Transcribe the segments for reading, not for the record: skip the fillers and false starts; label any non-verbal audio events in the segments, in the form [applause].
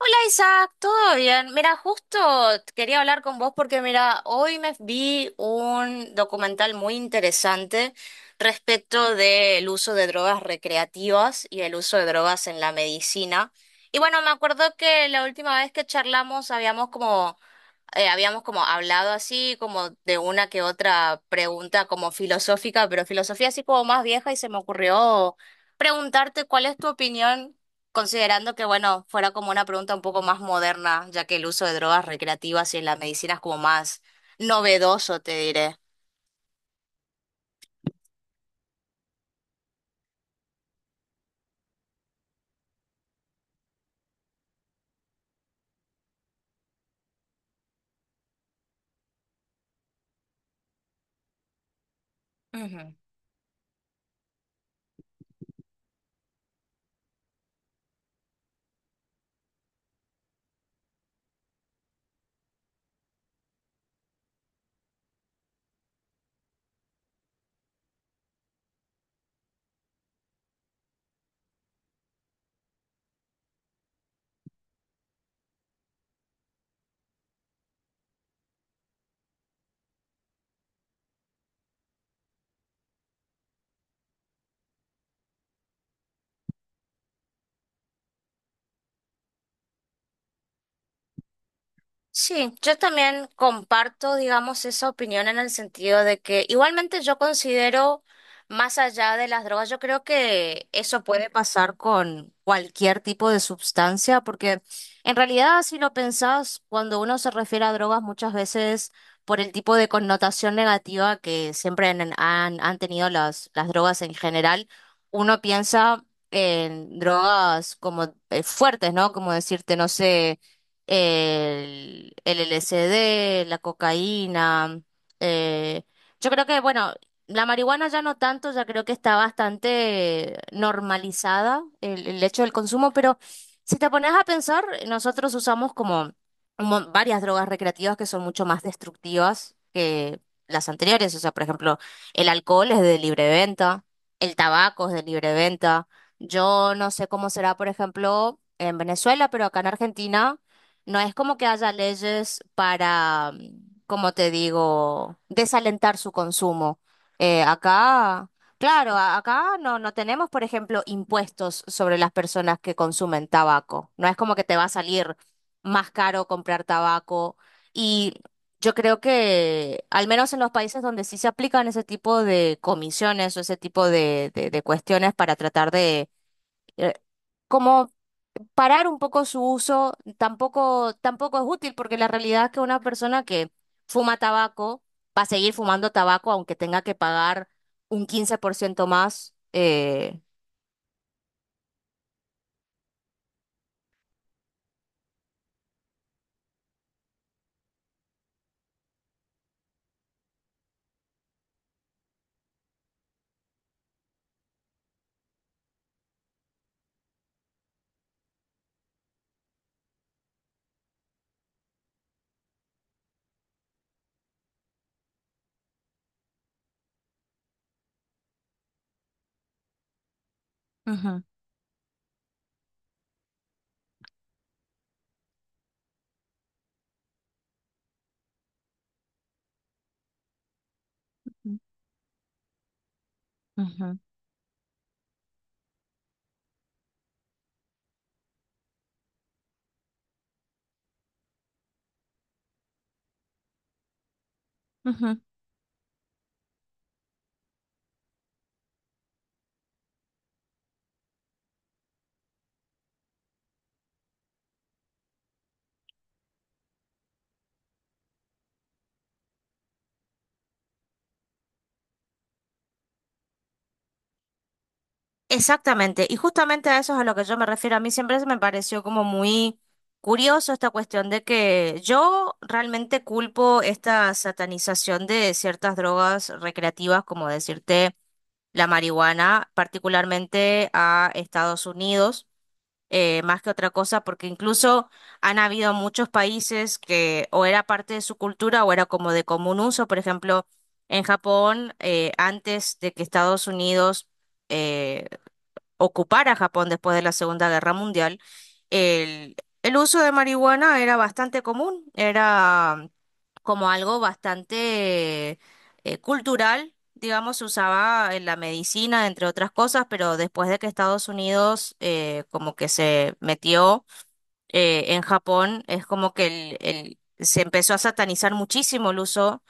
Hola Isaac, ¿todo bien? Mira, justo quería hablar con vos porque mira, hoy me vi un documental muy interesante respecto del uso de drogas recreativas y el uso de drogas en la medicina. Y bueno, me acuerdo que la última vez que charlamos habíamos como hablado así, como de una que otra pregunta como filosófica, pero filosofía así como más vieja y se me ocurrió preguntarte cuál es tu opinión, considerando que, bueno, fuera como una pregunta un poco más moderna, ya que el uso de drogas recreativas y en la medicina es como más novedoso, te diré. Sí, yo también comparto, digamos, esa opinión en el sentido de que igualmente yo considero, más allá de las drogas, yo creo que eso puede pasar con cualquier tipo de sustancia, porque en realidad, si lo pensás, cuando uno se refiere a drogas, muchas veces por el tipo de connotación negativa que siempre han tenido las drogas en general, uno piensa en drogas como fuertes, ¿no? Como decirte, no sé el LSD, la cocaína. eh, yo creo que, bueno, la marihuana ya no tanto, ya creo que está bastante normalizada el hecho del consumo, pero si te pones a pensar, nosotros usamos como varias drogas recreativas que son mucho más destructivas que las anteriores. O sea, por ejemplo, el alcohol es de libre venta, el tabaco es de libre venta. Yo no sé cómo será, por ejemplo, en Venezuela, pero acá en Argentina no es como que haya leyes para, como te digo, desalentar su consumo. Acá, claro, acá no, no tenemos, por ejemplo, impuestos sobre las personas que consumen tabaco. No es como que te va a salir más caro comprar tabaco. Y yo creo que, al menos en los países donde sí se aplican ese tipo de comisiones o ese tipo de, de cuestiones para tratar de... eh, como parar un poco su uso tampoco es útil porque la realidad es que una persona que fuma tabaco va a seguir fumando tabaco aunque tenga que pagar un 15% más. Ujú, ujú, ujú. Exactamente, y justamente a eso es a lo que yo me refiero. A mí siempre se me pareció como muy curioso esta cuestión de que yo realmente culpo esta satanización de ciertas drogas recreativas, como decirte. La marihuana, particularmente a Estados Unidos, más que otra cosa, porque incluso han habido muchos países que o era parte de su cultura o era como de común uso. Por ejemplo, en Japón, antes de que Estados Unidos eh, ocupara Japón después de la Segunda Guerra Mundial, el, el uso de marihuana era bastante común, era como algo bastante cultural, digamos, se usaba en la medicina, entre otras cosas, pero después de que Estados Unidos como que se metió en Japón es como que se empezó a satanizar muchísimo el uso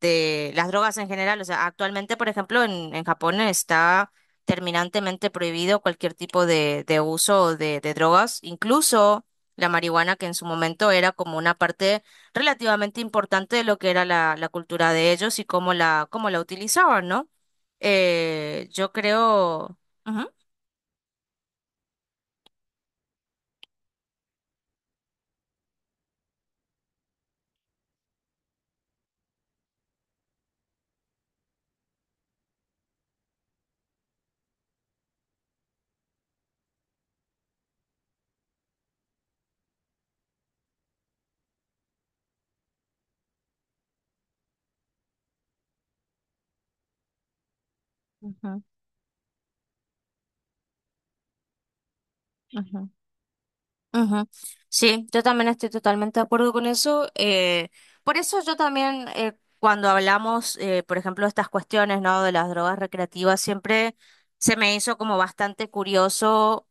de las drogas en general. O sea, actualmente, por ejemplo, en Japón está terminantemente prohibido cualquier tipo de uso de drogas, incluso la marihuana, que en su momento era como una parte relativamente importante de lo que era la cultura de ellos y cómo cómo la utilizaban, ¿no? Yo creo... Ujú. Ujú, ujú. Ujú. Sí, yo también estoy totalmente de acuerdo con eso. Por eso yo también, cuando hablamos, por ejemplo, de estas cuestiones, ¿no? De las drogas recreativas, siempre se me hizo como bastante curioso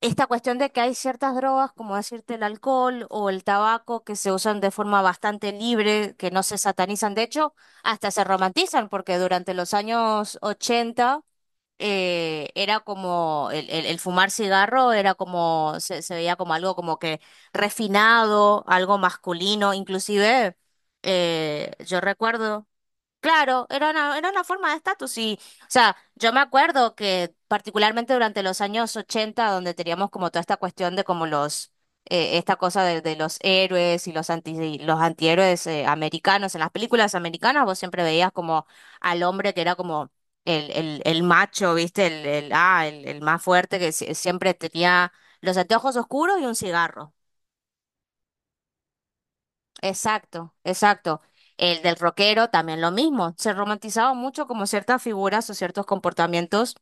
esta cuestión de que hay ciertas drogas, como decirte el alcohol o el tabaco, que se usan de forma bastante libre, que no se satanizan. De hecho, hasta se romantizan, porque durante los años 80 era como el fumar cigarro era como, se veía como algo como que refinado, algo masculino, inclusive yo recuerdo. Claro, era una forma de estatus y, o sea, yo me acuerdo que particularmente durante los años 80 donde teníamos como toda esta cuestión de como los, esta cosa de los héroes y los anti, los antihéroes americanos, en las películas americanas vos siempre veías como al hombre que era como el macho, ¿viste? El más fuerte que siempre tenía los anteojos oscuros y un cigarro. Exacto, exacto. El del rockero también lo mismo. Se romantizaba mucho como ciertas figuras o ciertos comportamientos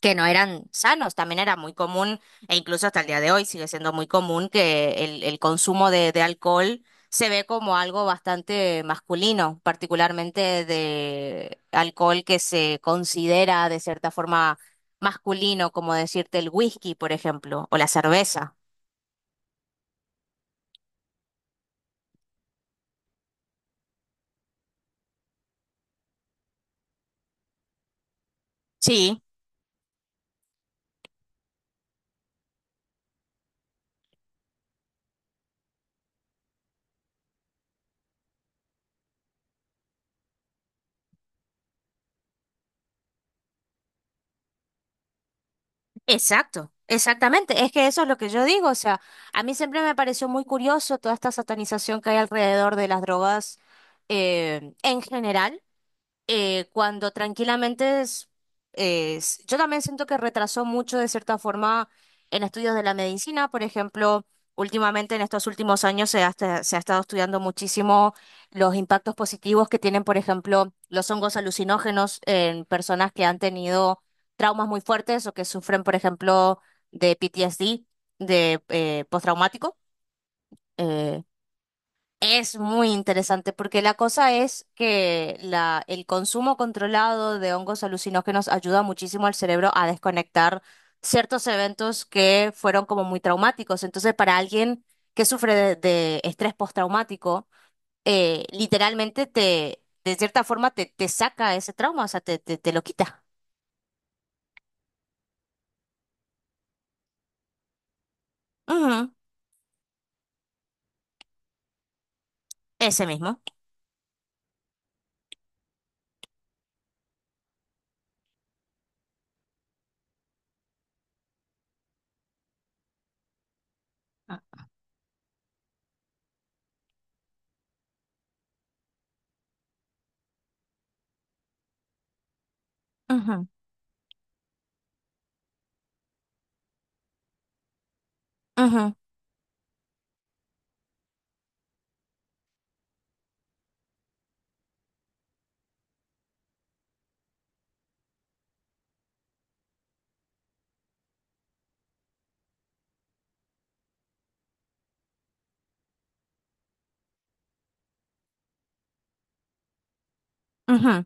que no eran sanos. También era muy común, e incluso hasta el día de hoy sigue siendo muy común, que el consumo de alcohol se ve como algo bastante masculino, particularmente de alcohol que se considera de cierta forma masculino, como decirte el whisky, por ejemplo, o la cerveza. Sí. Exacto, exactamente. Es que eso es lo que yo digo. O sea, a mí siempre me pareció muy curioso toda esta satanización que hay alrededor de las drogas en general cuando tranquilamente yo también siento que retrasó mucho de cierta forma en estudios de la medicina, por ejemplo, últimamente en estos últimos años se ha estado estudiando muchísimo los impactos positivos que tienen, por ejemplo, los hongos alucinógenos en personas que han tenido traumas muy fuertes o que sufren, por ejemplo, de PTSD, de postraumático. eh, es muy interesante porque la cosa es que el consumo controlado de hongos alucinógenos ayuda muchísimo al cerebro a desconectar ciertos eventos que fueron como muy traumáticos. Entonces, para alguien que sufre de estrés postraumático, literalmente de cierta forma te saca ese trauma, o sea, te lo quita. Ujú. Ese mismo. Ujú, ujú, ujú.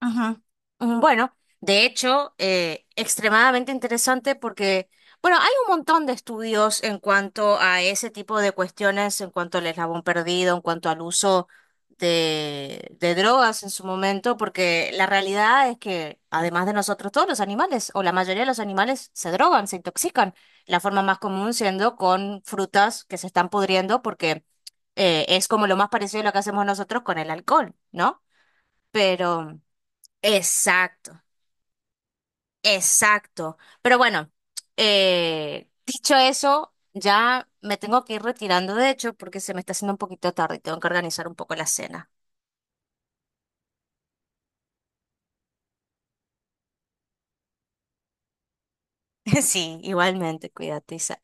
Ajá, ajá. Bueno, de hecho, extremadamente interesante porque, bueno, hay un montón de estudios en cuanto a ese tipo de cuestiones, en cuanto al eslabón perdido, en cuanto al uso de drogas en su momento, porque la realidad es que, además de nosotros, todos los animales, o la mayoría de los animales, se drogan, se intoxican. La forma más común siendo con frutas que se están pudriendo porque es como lo más parecido a lo que hacemos nosotros con el alcohol, ¿no? Pero... Exacto, exacto. Pero bueno, dicho eso, ya me tengo que ir retirando, de hecho, porque se me está haciendo un poquito tarde y tengo que organizar un poco la cena. [laughs] Sí, igualmente, cuídate, Isa.